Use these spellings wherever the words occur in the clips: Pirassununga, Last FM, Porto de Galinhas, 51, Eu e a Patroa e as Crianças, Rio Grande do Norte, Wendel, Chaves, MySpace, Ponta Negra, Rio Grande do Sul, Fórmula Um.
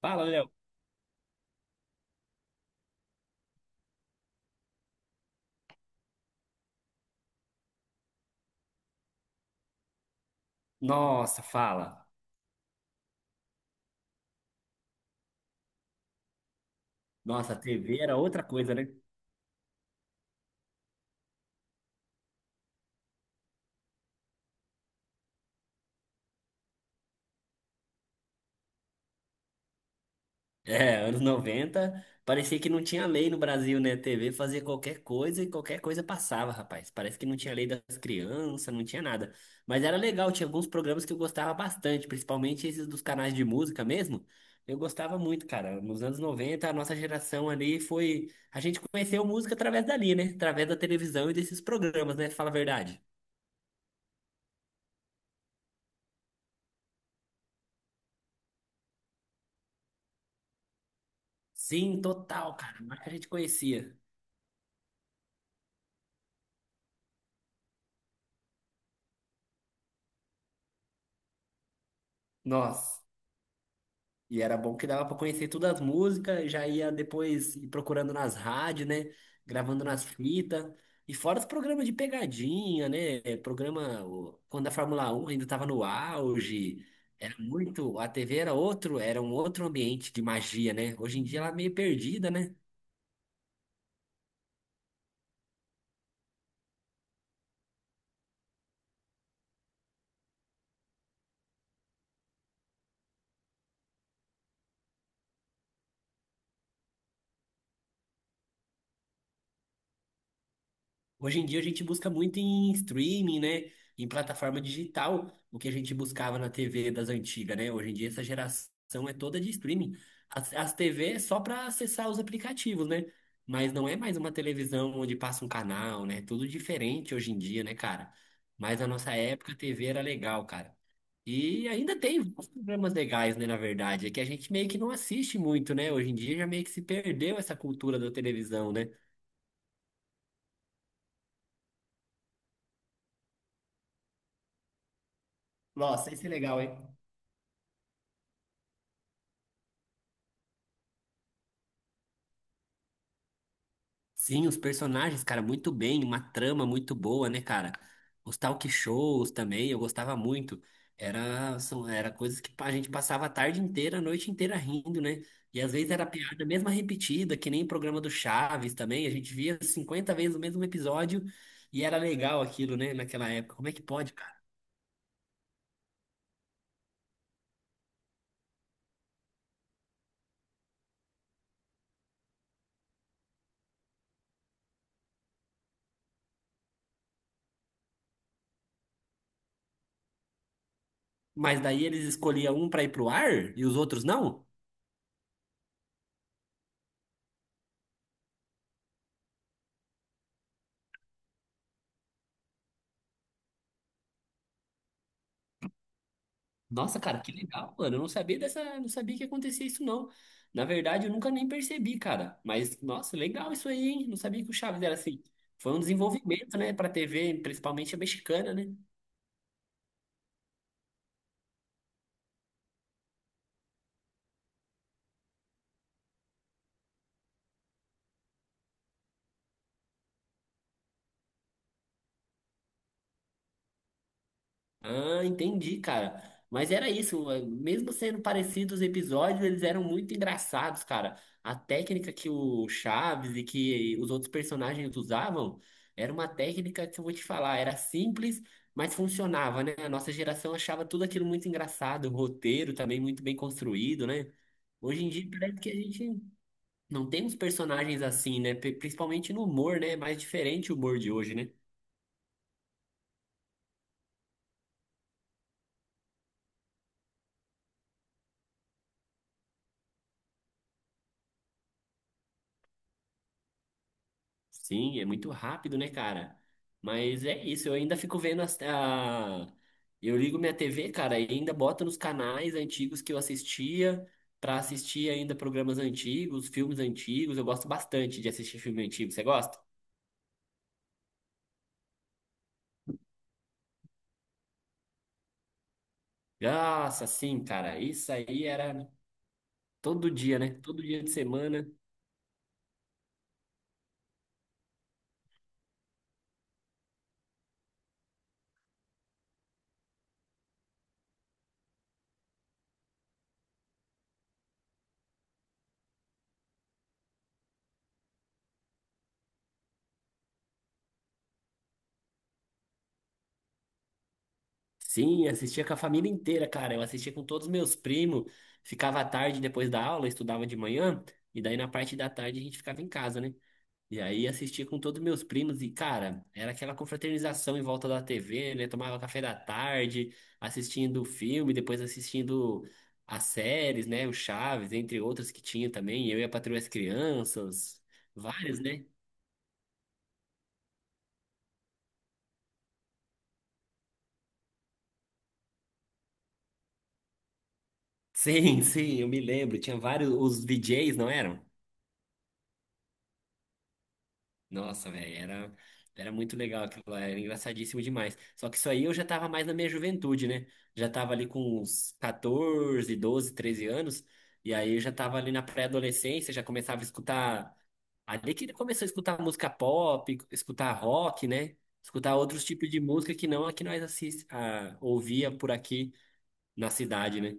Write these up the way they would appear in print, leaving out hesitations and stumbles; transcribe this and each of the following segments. Fala, Léo. Nossa, fala. Nossa, a TV era outra coisa, né? É, anos 90, parecia que não tinha lei no Brasil, né? A TV fazia qualquer coisa e qualquer coisa passava, rapaz. Parece que não tinha lei das crianças, não tinha nada. Mas era legal, tinha alguns programas que eu gostava bastante, principalmente esses dos canais de música mesmo. Eu gostava muito, cara. Nos anos 90, a nossa geração ali foi. A gente conheceu música através dali, né? Através da televisão e desses programas, né? Fala a verdade. Sim, total, cara. Mas que a gente conhecia. Nossa, e era bom que dava pra conhecer todas as músicas, já ia depois ir procurando nas rádios, né? Gravando nas fitas. E fora os programas de pegadinha, né? Quando a Fórmula Um ainda estava no auge, era muito, a TV era outro, era um outro ambiente de magia, né? Hoje em dia ela é meio perdida, né? Hoje em dia a gente busca muito em streaming, né? Em plataforma digital, o que a gente buscava na TV das antigas, né? Hoje em dia essa geração é toda de streaming. As TV é só para acessar os aplicativos, né? Mas não é mais uma televisão onde passa um canal, né? Tudo diferente hoje em dia, né, cara? Mas na nossa época a TV era legal, cara. E ainda tem vários programas legais, né, na verdade. É que a gente meio que não assiste muito, né? Hoje em dia já meio que se perdeu essa cultura da televisão, né? Nossa, isso é legal, hein? Sim, os personagens, cara, muito bem, uma trama muito boa, né, cara? Os talk shows também, eu gostava muito. Era, são, era coisas que a gente passava a tarde inteira, a noite inteira rindo, né? E às vezes era piada mesma repetida, que nem o programa do Chaves também, a gente via 50 vezes o mesmo episódio e era legal aquilo, né, naquela época. Como é que pode, cara? Mas daí eles escolhiam um pra ir pro ar e os outros não? Nossa, cara, que legal, mano. Eu não sabia dessa, não sabia que acontecia isso, não. Na verdade, eu nunca nem percebi, cara. Mas, nossa, legal isso aí, hein? Não sabia que o Chaves era assim. Foi um desenvolvimento, né, pra TV, principalmente a mexicana, né? Ah, entendi, cara. Mas era isso, mesmo sendo parecidos os episódios, eles eram muito engraçados, cara. A técnica que o Chaves e que os outros personagens usavam era uma técnica que eu vou te falar, era simples, mas funcionava, né? A nossa geração achava tudo aquilo muito engraçado, o roteiro também muito bem construído, né? Hoje em dia parece que a gente não tem uns personagens assim, né? Principalmente no humor, né? É mais diferente o humor de hoje, né? Sim, é muito rápido, né, cara? Mas é isso, eu ainda fico vendo as, a... Eu ligo minha TV, cara, e ainda boto nos canais antigos que eu assistia, pra assistir ainda programas antigos, filmes antigos. Eu gosto bastante de assistir filme antigo. Você gosta? Nossa, sim, cara. Isso aí era todo dia, né? Todo dia de semana. Sim, assistia com a família inteira, cara. Eu assistia com todos os meus primos. Ficava à tarde depois da aula, estudava de manhã, e daí na parte da tarde a gente ficava em casa, né? E aí assistia com todos meus primos e, cara, era aquela confraternização em volta da TV, né? Tomava café da tarde, assistindo o filme, depois assistindo as séries, né? O Chaves, entre outras que tinha também. Eu e a Patroa e as Crianças, várias, né? Sim, sim, eu me lembro. Tinha vários, os VJs, não eram? Nossa, velho, era, era muito legal aquilo lá, era engraçadíssimo demais. Só que isso aí eu já tava mais na minha juventude, né? Já tava ali com uns 14, 12, 13 anos, e aí eu já tava ali na pré-adolescência, já começava a escutar. Ali que ele começou a escutar música pop, escutar rock, né? Escutar outros tipos de música que não a que ouvia por aqui na cidade, né?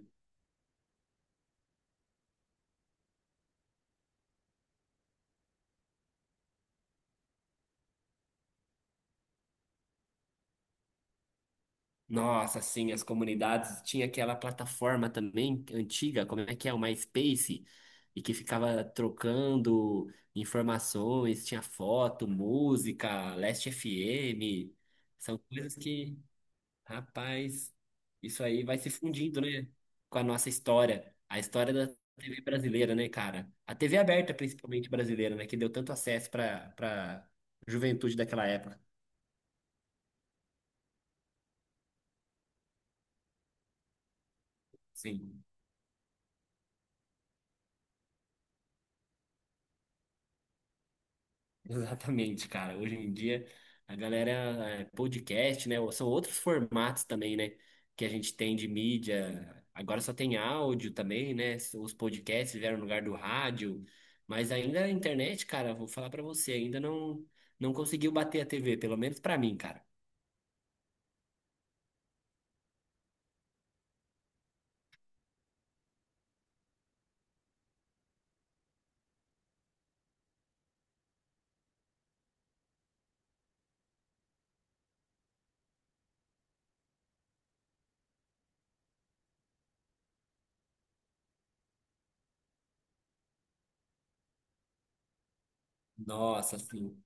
Nossa, sim, as comunidades. Tinha aquela plataforma também antiga, como é que é? O MySpace, e que ficava trocando informações, tinha foto, música, Last FM. São coisas que, rapaz, isso aí vai se fundindo, né? Com a nossa história, a história da TV brasileira, né, cara? A TV aberta, principalmente brasileira, né? Que deu tanto acesso para juventude daquela época. Sim. Exatamente, cara. Hoje em dia a galera é podcast, né? ou são outros formatos também, né? Que a gente tem de mídia. Agora só tem áudio também, né? Os podcasts vieram no lugar do rádio, mas ainda a internet, cara, vou falar pra você, ainda não conseguiu bater a TV, pelo menos pra mim, cara. Nossa, assim.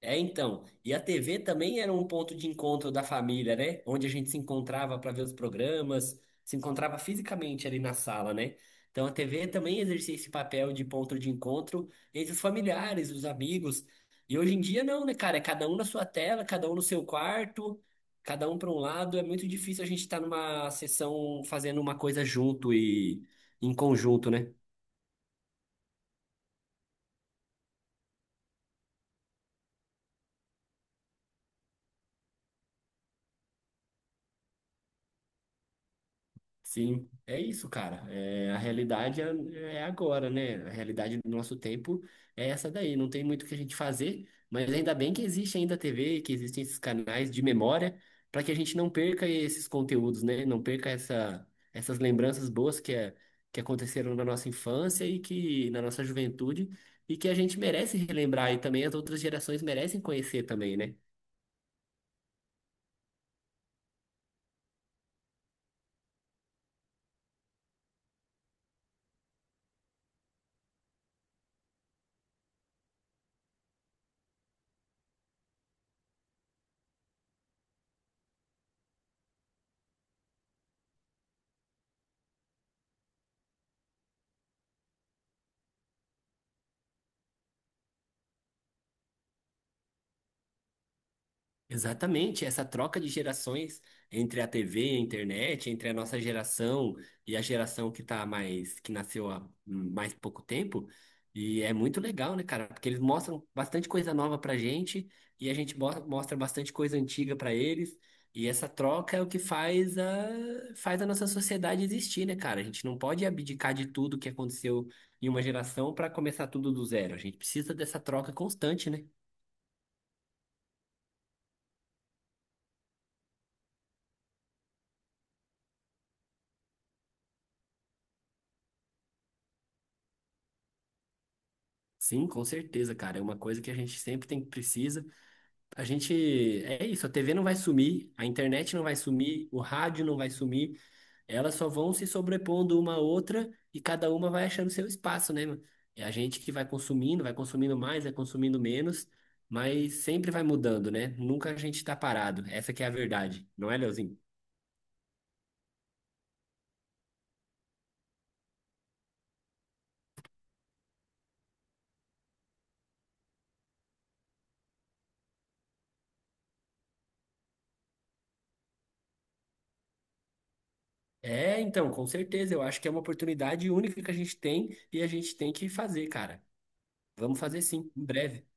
É, então. E a TV também era um ponto de encontro da família, né? Onde a gente se encontrava para ver os programas, se encontrava fisicamente ali na sala, né? Então a TV também exercia esse papel de ponto de encontro entre os familiares, os amigos. E hoje em dia não, né, cara? É cada um na sua tela, cada um no seu quarto, cada um para um lado. É muito difícil a gente estar numa sessão fazendo uma coisa junto e em conjunto, né? Sim, é isso, cara. É, a realidade é, é agora, né? A realidade do nosso tempo é essa daí. Não tem muito o que a gente fazer, mas ainda bem que existe ainda a TV, que existem esses canais de memória, para que a gente não perca esses conteúdos, né? Não perca essa, essas lembranças boas que, é, que aconteceram na nossa infância e que na nossa juventude e que a gente merece relembrar e também as outras gerações merecem conhecer também, né? Exatamente, essa troca de gerações entre a TV e a internet, entre a nossa geração e a geração que tá mais, que nasceu há mais pouco tempo, e é muito legal, né, cara? Porque eles mostram bastante coisa nova pra gente e a gente mostra bastante coisa antiga pra eles, e essa troca é o que faz a, faz a nossa sociedade existir, né, cara? A gente não pode abdicar de tudo que aconteceu em uma geração pra começar tudo do zero. A gente precisa dessa troca constante, né? Sim, com certeza, cara. É uma coisa que a gente sempre tem precisa. A gente é isso, a TV não vai sumir, a internet não vai sumir, o rádio não vai sumir. Elas só vão se sobrepondo uma à outra e cada uma vai achando seu espaço, né, mano? É a gente que vai consumindo mais, vai consumindo menos, mas sempre vai mudando, né? Nunca a gente tá parado. Essa que é a verdade, não é, Leozinho? É, então, com certeza. Eu acho que é uma oportunidade única que a gente tem e a gente tem que fazer, cara. Vamos fazer sim, em breve.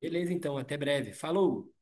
Beleza, então, até breve. Falou!